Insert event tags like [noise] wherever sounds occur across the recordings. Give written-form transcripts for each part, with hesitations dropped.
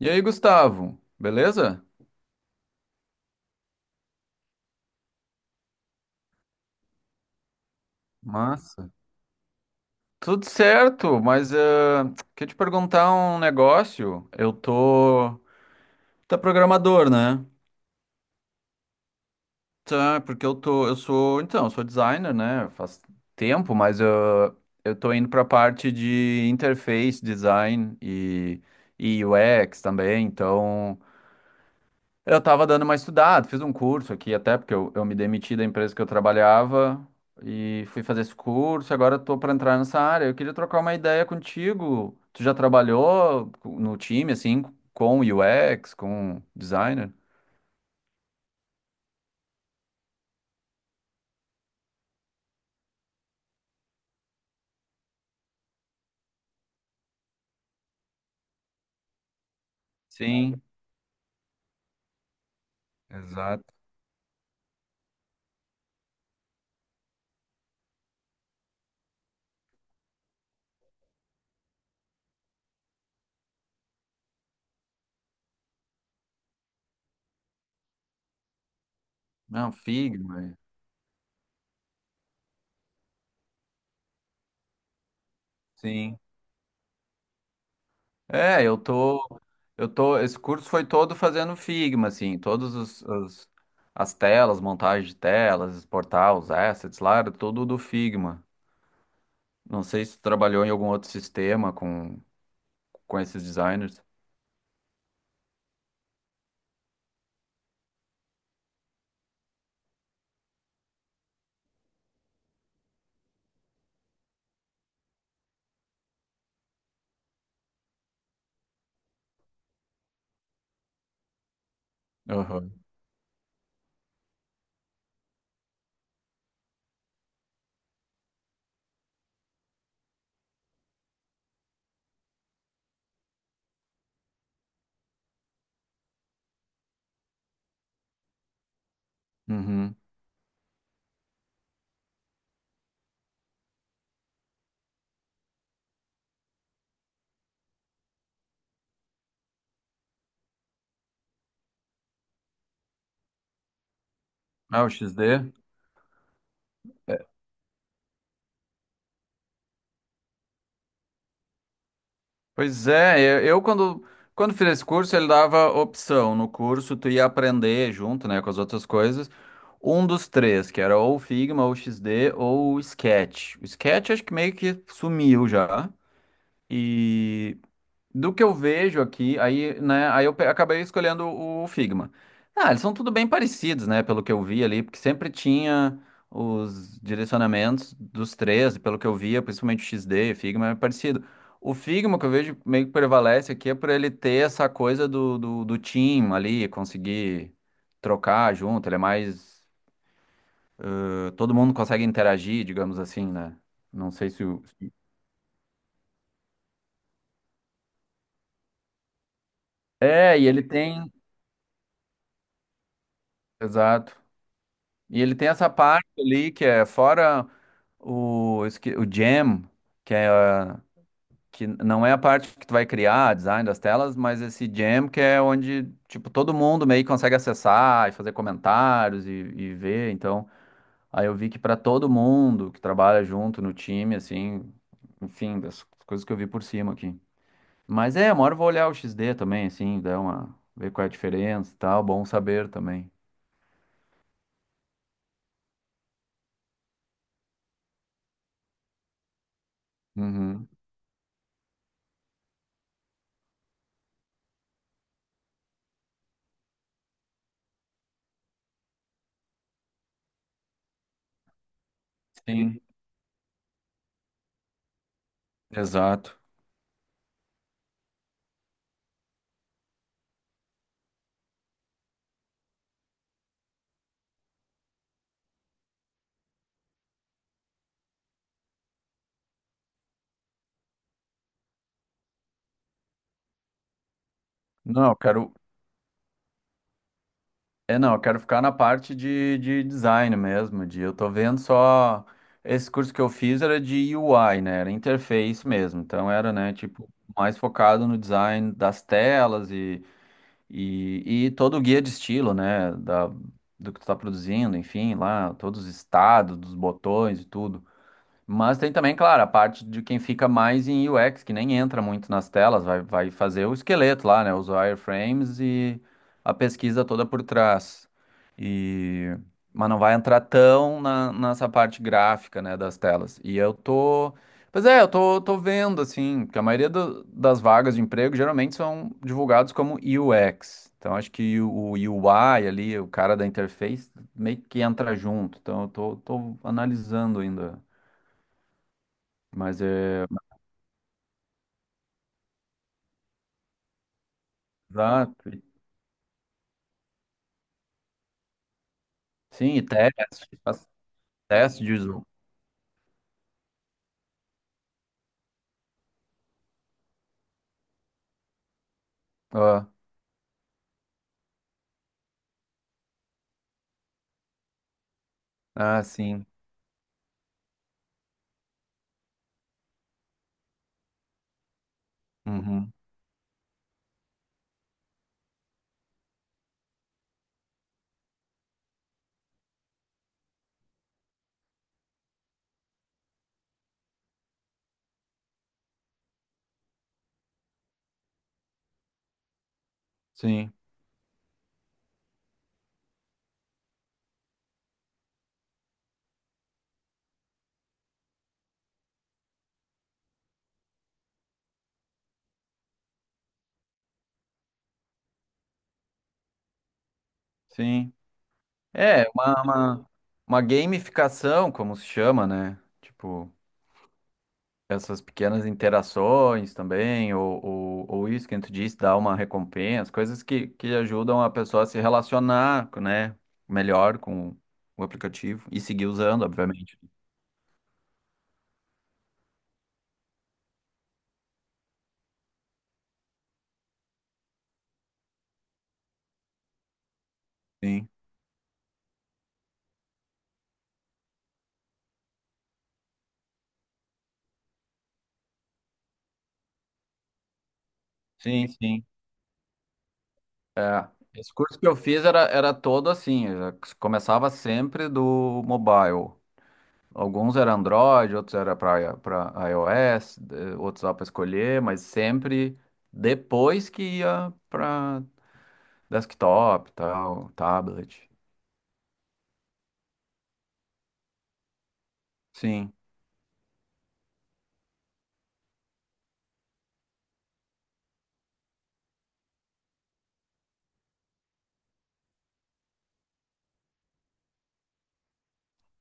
E aí, Gustavo, beleza? Massa. Tudo certo, mas queria te perguntar um negócio. Eu tô. Tá programador, né? Tá, porque eu tô. Eu sou. Então, eu sou designer, né? Faz tempo, mas eu tô indo pra parte de interface design e UX também. Então, eu tava dando uma estudada, fiz um curso aqui até, porque eu me demiti da empresa que eu trabalhava e fui fazer esse curso, agora eu tô pra entrar nessa área. Eu queria trocar uma ideia contigo. Tu já trabalhou no time, assim, com UX, com designer? Sim, exato. Não, Figma. Sim. É, eu tô, esse curso foi todo fazendo Figma, assim, todos os as telas, montagem de telas, exportar os assets lá, era tudo do Figma. Não sei se tu trabalhou em algum outro sistema com esses designers. Aham. Uhum. Ah, o XD? É. Pois é, eu quando, quando fiz esse curso, ele dava opção. No curso, tu ia aprender junto, né, com as outras coisas, um dos três, que era ou o Figma, ou o XD, ou o Sketch. O Sketch acho que meio que sumiu já. E do que eu vejo aqui, aí, né, acabei escolhendo o Figma. Ah, eles são tudo bem parecidos, né, pelo que eu vi ali, porque sempre tinha os direcionamentos dos três, pelo que eu via, principalmente o XD, Figma é parecido. O Figma que eu vejo meio que prevalece aqui é por ele ter essa coisa do team ali, conseguir trocar junto, ele é mais... Todo mundo consegue interagir, digamos assim, né? Não sei se o... É, e ele tem... Exato. E ele tem essa parte ali que é fora o, o jam, que é que não é a parte que tu vai criar, design das telas, mas esse jam que é onde, tipo, todo mundo meio que consegue acessar e fazer comentários e ver. Então, aí eu vi que para todo mundo que trabalha junto no time, assim, enfim, das coisas que eu vi por cima aqui. Mas é, uma hora eu vou olhar o XD também, assim, dar uma, ver qual é a diferença e tal, bom saber também. Uhum. Sim, exato. Não, eu quero. É, não, eu quero ficar na parte de design mesmo. De, eu tô vendo só. Esse curso que eu fiz era de UI, né? Era interface mesmo. Então era, né, tipo, mais focado no design das telas e todo o guia de estilo, né? Da, do que tu tá produzindo, enfim, lá, todos os estados, dos botões e tudo. Mas tem também, claro, a parte de quem fica mais em UX, que nem entra muito nas telas, vai, vai fazer o esqueleto lá, né? Os wireframes e a pesquisa toda por trás. E... Mas não vai entrar tão na, nessa parte gráfica, né, das telas. E eu tô. Pois é, tô vendo, assim, que a maioria das vagas de emprego geralmente são divulgados como UX. Então acho que o UI ali, o cara da interface, meio que entra junto. Então tô analisando ainda. Mas é. Exato. Sim, e teste, faz teste de uso. Ah, ah, sim. Uhum. Sim, sim. É, uma gamificação, como se chama, né? Tipo, essas pequenas interações também, ou isso que tu disse, dar uma recompensa, coisas que ajudam a pessoa a se relacionar, né? Melhor com o aplicativo e seguir usando, obviamente. Sim, sim, sim. É, esse curso que eu fiz era todo assim, já começava sempre do mobile. Alguns era Android, outros era para iOS, outros lá para escolher, mas sempre depois que ia para desktop, tal, tablet. Sim.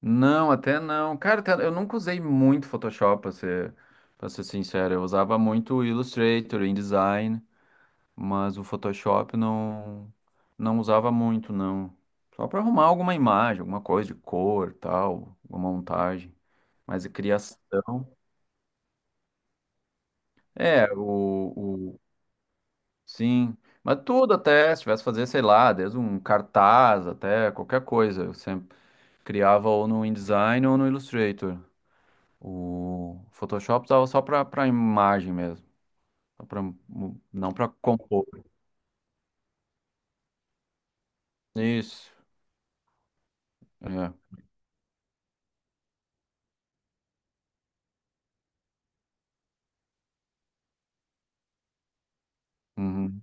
Não, até não. Cara, eu nunca usei muito Photoshop, para ser sincero. Eu usava muito Illustrator, InDesign. Mas o Photoshop não usava muito, não. Só para arrumar alguma imagem, alguma coisa de cor, tal, uma montagem. Mas a criação, é, o sim, mas tudo até, se tivesse que fazer, sei lá, desde um cartaz até qualquer coisa, eu sempre criava ou no InDesign ou no Illustrator. O Photoshop usava só para imagem mesmo, só pra, não para compor. Isso, é. Uhum.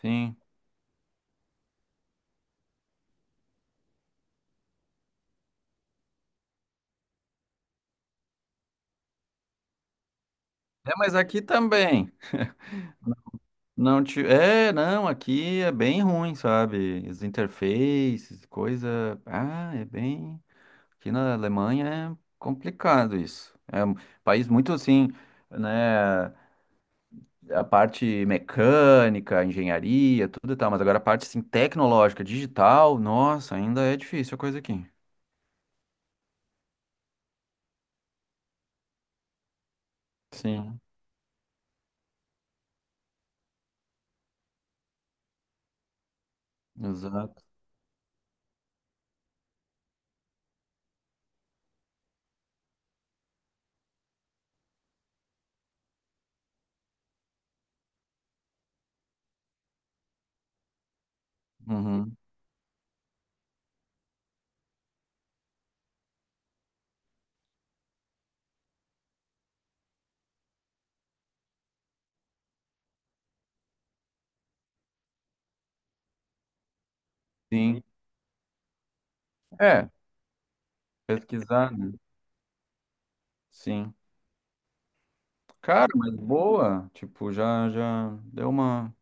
Sim. É, mas aqui também. Não te... É, não, aqui é bem ruim, sabe? As interfaces, coisa. Ah, é bem. Aqui na Alemanha é complicado isso. É um país muito assim, né? A parte mecânica, engenharia, tudo e tal, mas agora a parte assim, tecnológica, digital, nossa, ainda é difícil a coisa aqui. Sim, exato. Uhum, sim. É, pesquisar, né? Sim. Cara, mas boa. Tipo, já, já deu uma.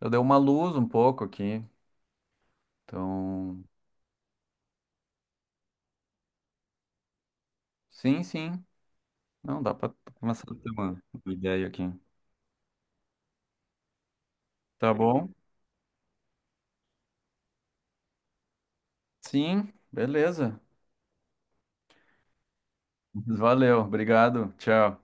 Eu dei uma luz um pouco aqui. Então, sim, sim. Não, dá para começar a ter uma ideia aqui. Tá bom? Sim, beleza. [laughs] Valeu, obrigado. Tchau.